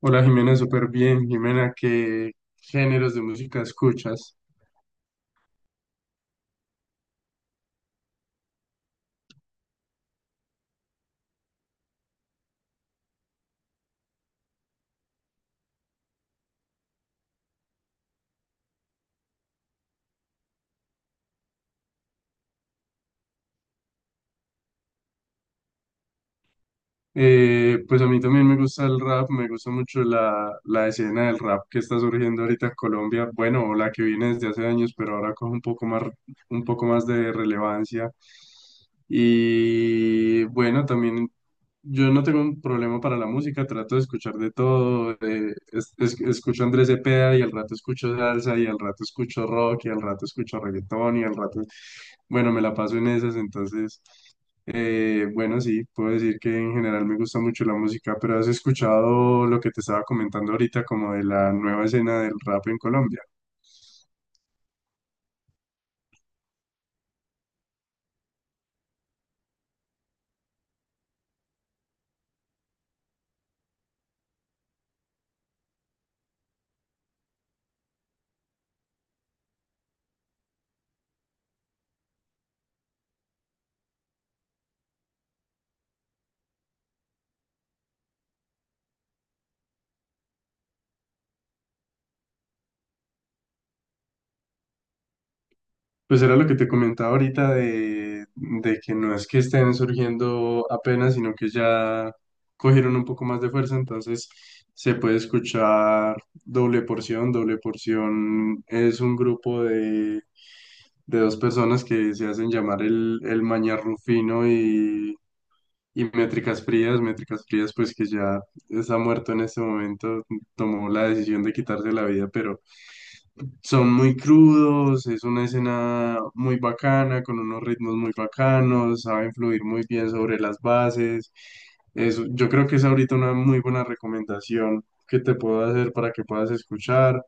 Hola Jimena, súper bien. Jimena, ¿qué géneros de música escuchas? Pues a mí también me gusta el rap, me gusta mucho la escena del rap que está surgiendo ahorita en Colombia, bueno, o la que viene desde hace años, pero ahora con un poco más de relevancia. Y bueno, también yo no tengo un problema para la música, trato de escuchar de todo, escucho Andrés Cepeda y al rato escucho salsa y al rato escucho rock y al rato escucho reggaetón y al rato, bueno, me la paso en esas, entonces... Bueno, sí, puedo decir que en general me gusta mucho la música, pero ¿has escuchado lo que te estaba comentando ahorita como de la nueva escena del rap en Colombia? Pues era lo que te comentaba ahorita de que no es que estén surgiendo apenas, sino que ya cogieron un poco más de fuerza, entonces se puede escuchar Doble Porción. Doble Porción es un grupo de dos personas que se hacen llamar el Maña Rufino y métricas frías, pues que ya está muerto en este momento, tomó la decisión de quitarse la vida, pero son muy crudos, es una escena muy bacana, con unos ritmos muy bacanos, saben fluir muy bien sobre las bases. Eso, yo creo que es ahorita una muy buena recomendación que te puedo hacer para que puedas escuchar.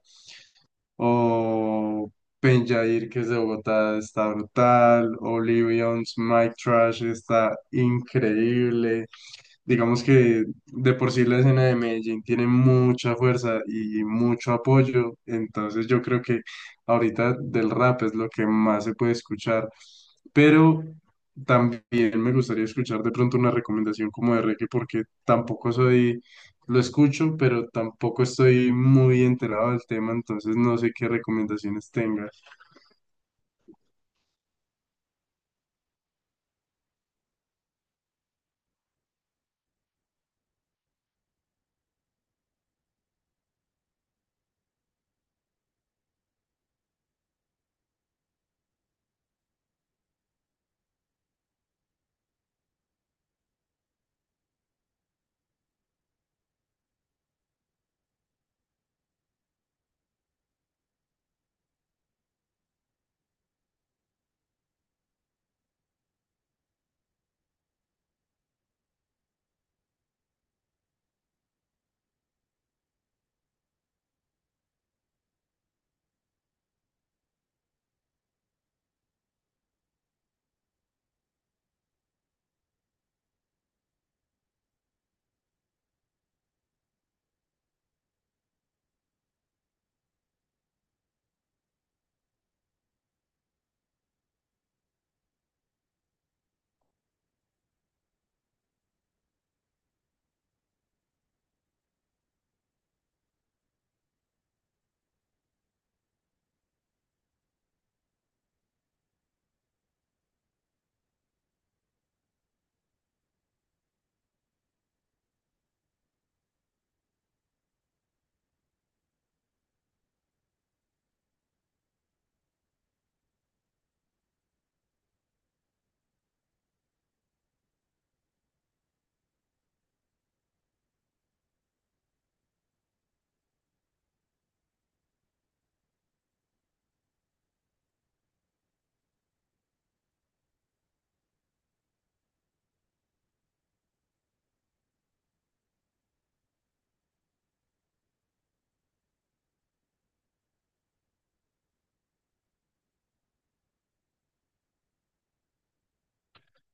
O Penjair, que es de Bogotá, está brutal. Oblivion's Mike Trash está increíble. Digamos que de por sí la escena de Medellín tiene mucha fuerza y mucho apoyo, entonces yo creo que ahorita del rap es lo que más se puede escuchar, pero también me gustaría escuchar de pronto una recomendación como de reggae porque tampoco soy, lo escucho, pero tampoco estoy muy enterado del tema, entonces no sé qué recomendaciones tengas.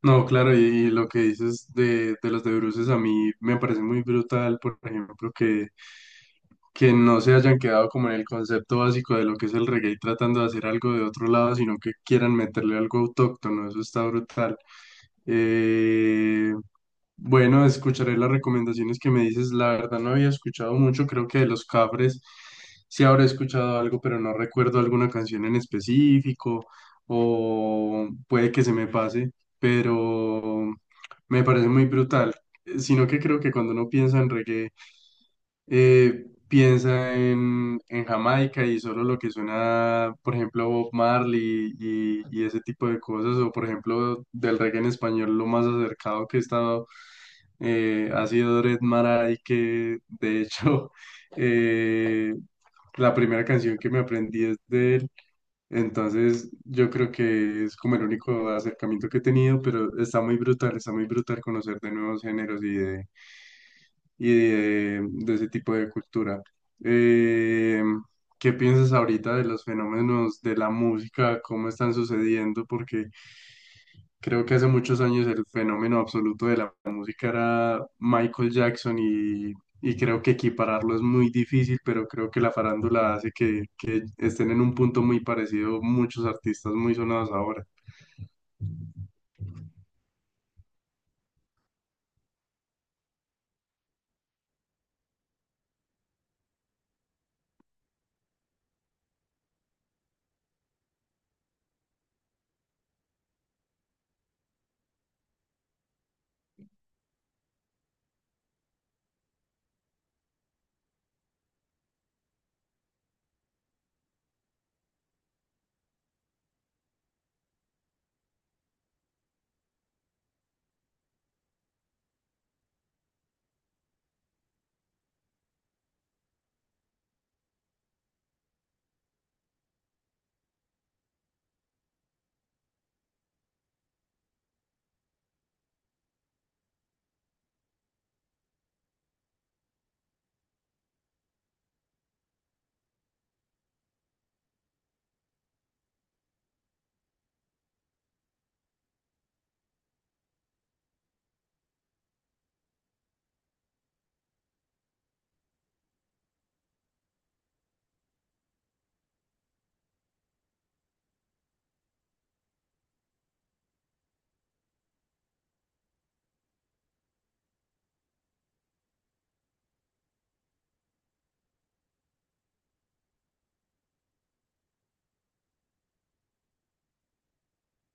No, claro, y lo que dices de los de bruces a mí me parece muy brutal, por ejemplo, que no se hayan quedado como en el concepto básico de lo que es el reggae tratando de hacer algo de otro lado, sino que quieran meterle algo autóctono, eso está brutal. Eh, bueno, escucharé las recomendaciones que me dices, la verdad no había escuchado mucho, creo que de los Cafres sí habré escuchado algo, pero no recuerdo alguna canción en específico o puede que se me pase pero me parece muy brutal. Sino que creo que cuando uno piensa en reggae, piensa en Jamaica y solo lo que suena, por ejemplo, Bob Marley y ese tipo de cosas, o por ejemplo, del reggae en español, lo más acercado que he estado ha sido Red Maray, que de hecho eh, la primera canción que me aprendí es de él. Entonces, yo creo que es como el único acercamiento que he tenido, pero está muy brutal conocer de nuevos géneros y de ese tipo de cultura. Eh, ¿Qué piensas ahorita de los fenómenos de la música? ¿Cómo están sucediendo? Porque creo que hace muchos años el fenómeno absoluto de la música era Michael Jackson y creo que equipararlo es muy difícil, pero creo que la farándula hace que estén en un punto muy parecido muchos artistas muy sonados ahora.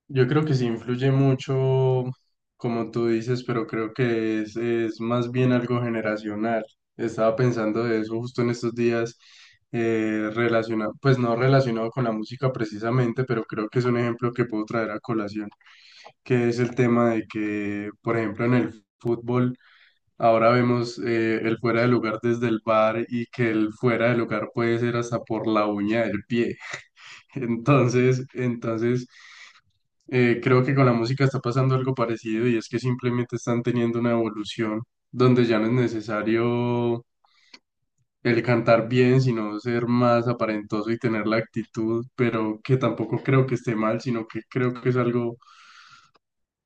Yo creo que sí influye mucho, como tú dices, pero creo que es más bien algo generacional. Estaba pensando de eso justo en estos días, relacionado, pues no relacionado con la música precisamente, pero creo que es un ejemplo que puedo traer a colación. Que es el tema de que, por ejemplo, en el fútbol ahora vemos el fuera de lugar desde el VAR y que el fuera de lugar puede ser hasta por la uña del pie. Entonces creo que con la música está pasando algo parecido y es que simplemente están teniendo una evolución donde ya no es necesario el cantar bien, sino ser más aparentoso y tener la actitud, pero que tampoco creo que esté mal, sino que creo que es algo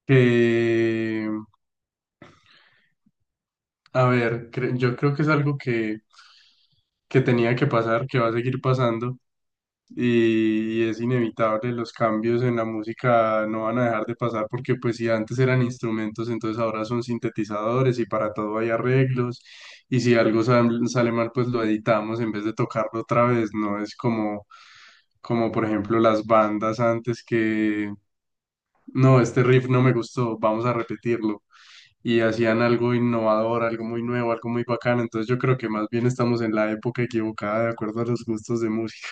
que a ver, yo creo que es algo que tenía que pasar, que va a seguir pasando y es inevitable. Los cambios en la música no van a dejar de pasar porque pues si antes eran instrumentos, entonces ahora son sintetizadores y para todo hay arreglos y si algo sale mal, pues lo editamos en vez de tocarlo otra vez. No es como, como por ejemplo las bandas antes que no, este riff no me gustó, vamos a repetirlo. Y hacían algo innovador, algo muy nuevo, algo muy bacano. Entonces yo creo que más bien estamos en la época equivocada de acuerdo a los gustos de música.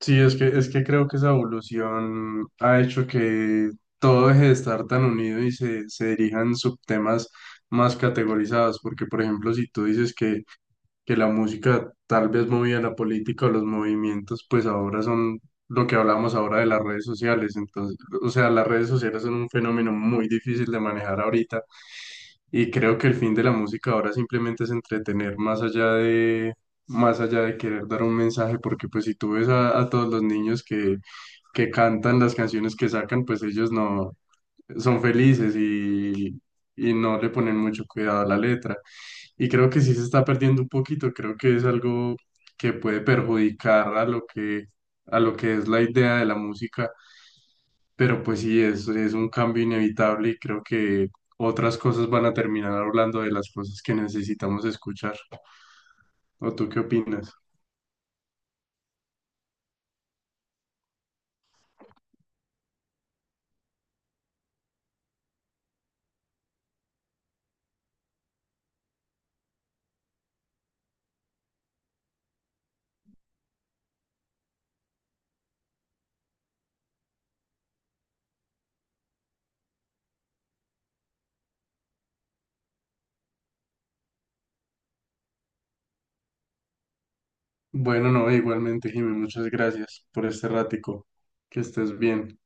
Sí, es que creo que esa evolución ha hecho que todo deje de estar tan unido y se dirijan subtemas más categorizados, porque por ejemplo, si tú dices que la música tal vez movía la política o los movimientos, pues ahora son lo que hablamos ahora de las redes sociales. Entonces, o sea, las redes sociales son un fenómeno muy difícil de manejar ahorita y creo que el fin de la música ahora simplemente es entretener más allá de querer dar un mensaje, porque pues si tú ves a todos los niños que cantan las canciones que sacan, pues ellos no son felices y no le ponen mucho cuidado a la letra. Y creo que sí se está perdiendo un poquito, creo que es algo que puede perjudicar a lo que es la idea de la música, pero pues sí, es un cambio inevitable y creo que otras cosas van a terminar hablando de las cosas que necesitamos escuchar. ¿O tú qué opinas? Bueno, no, igualmente, Jimmy, muchas gracias por este ratico. Que estés bien.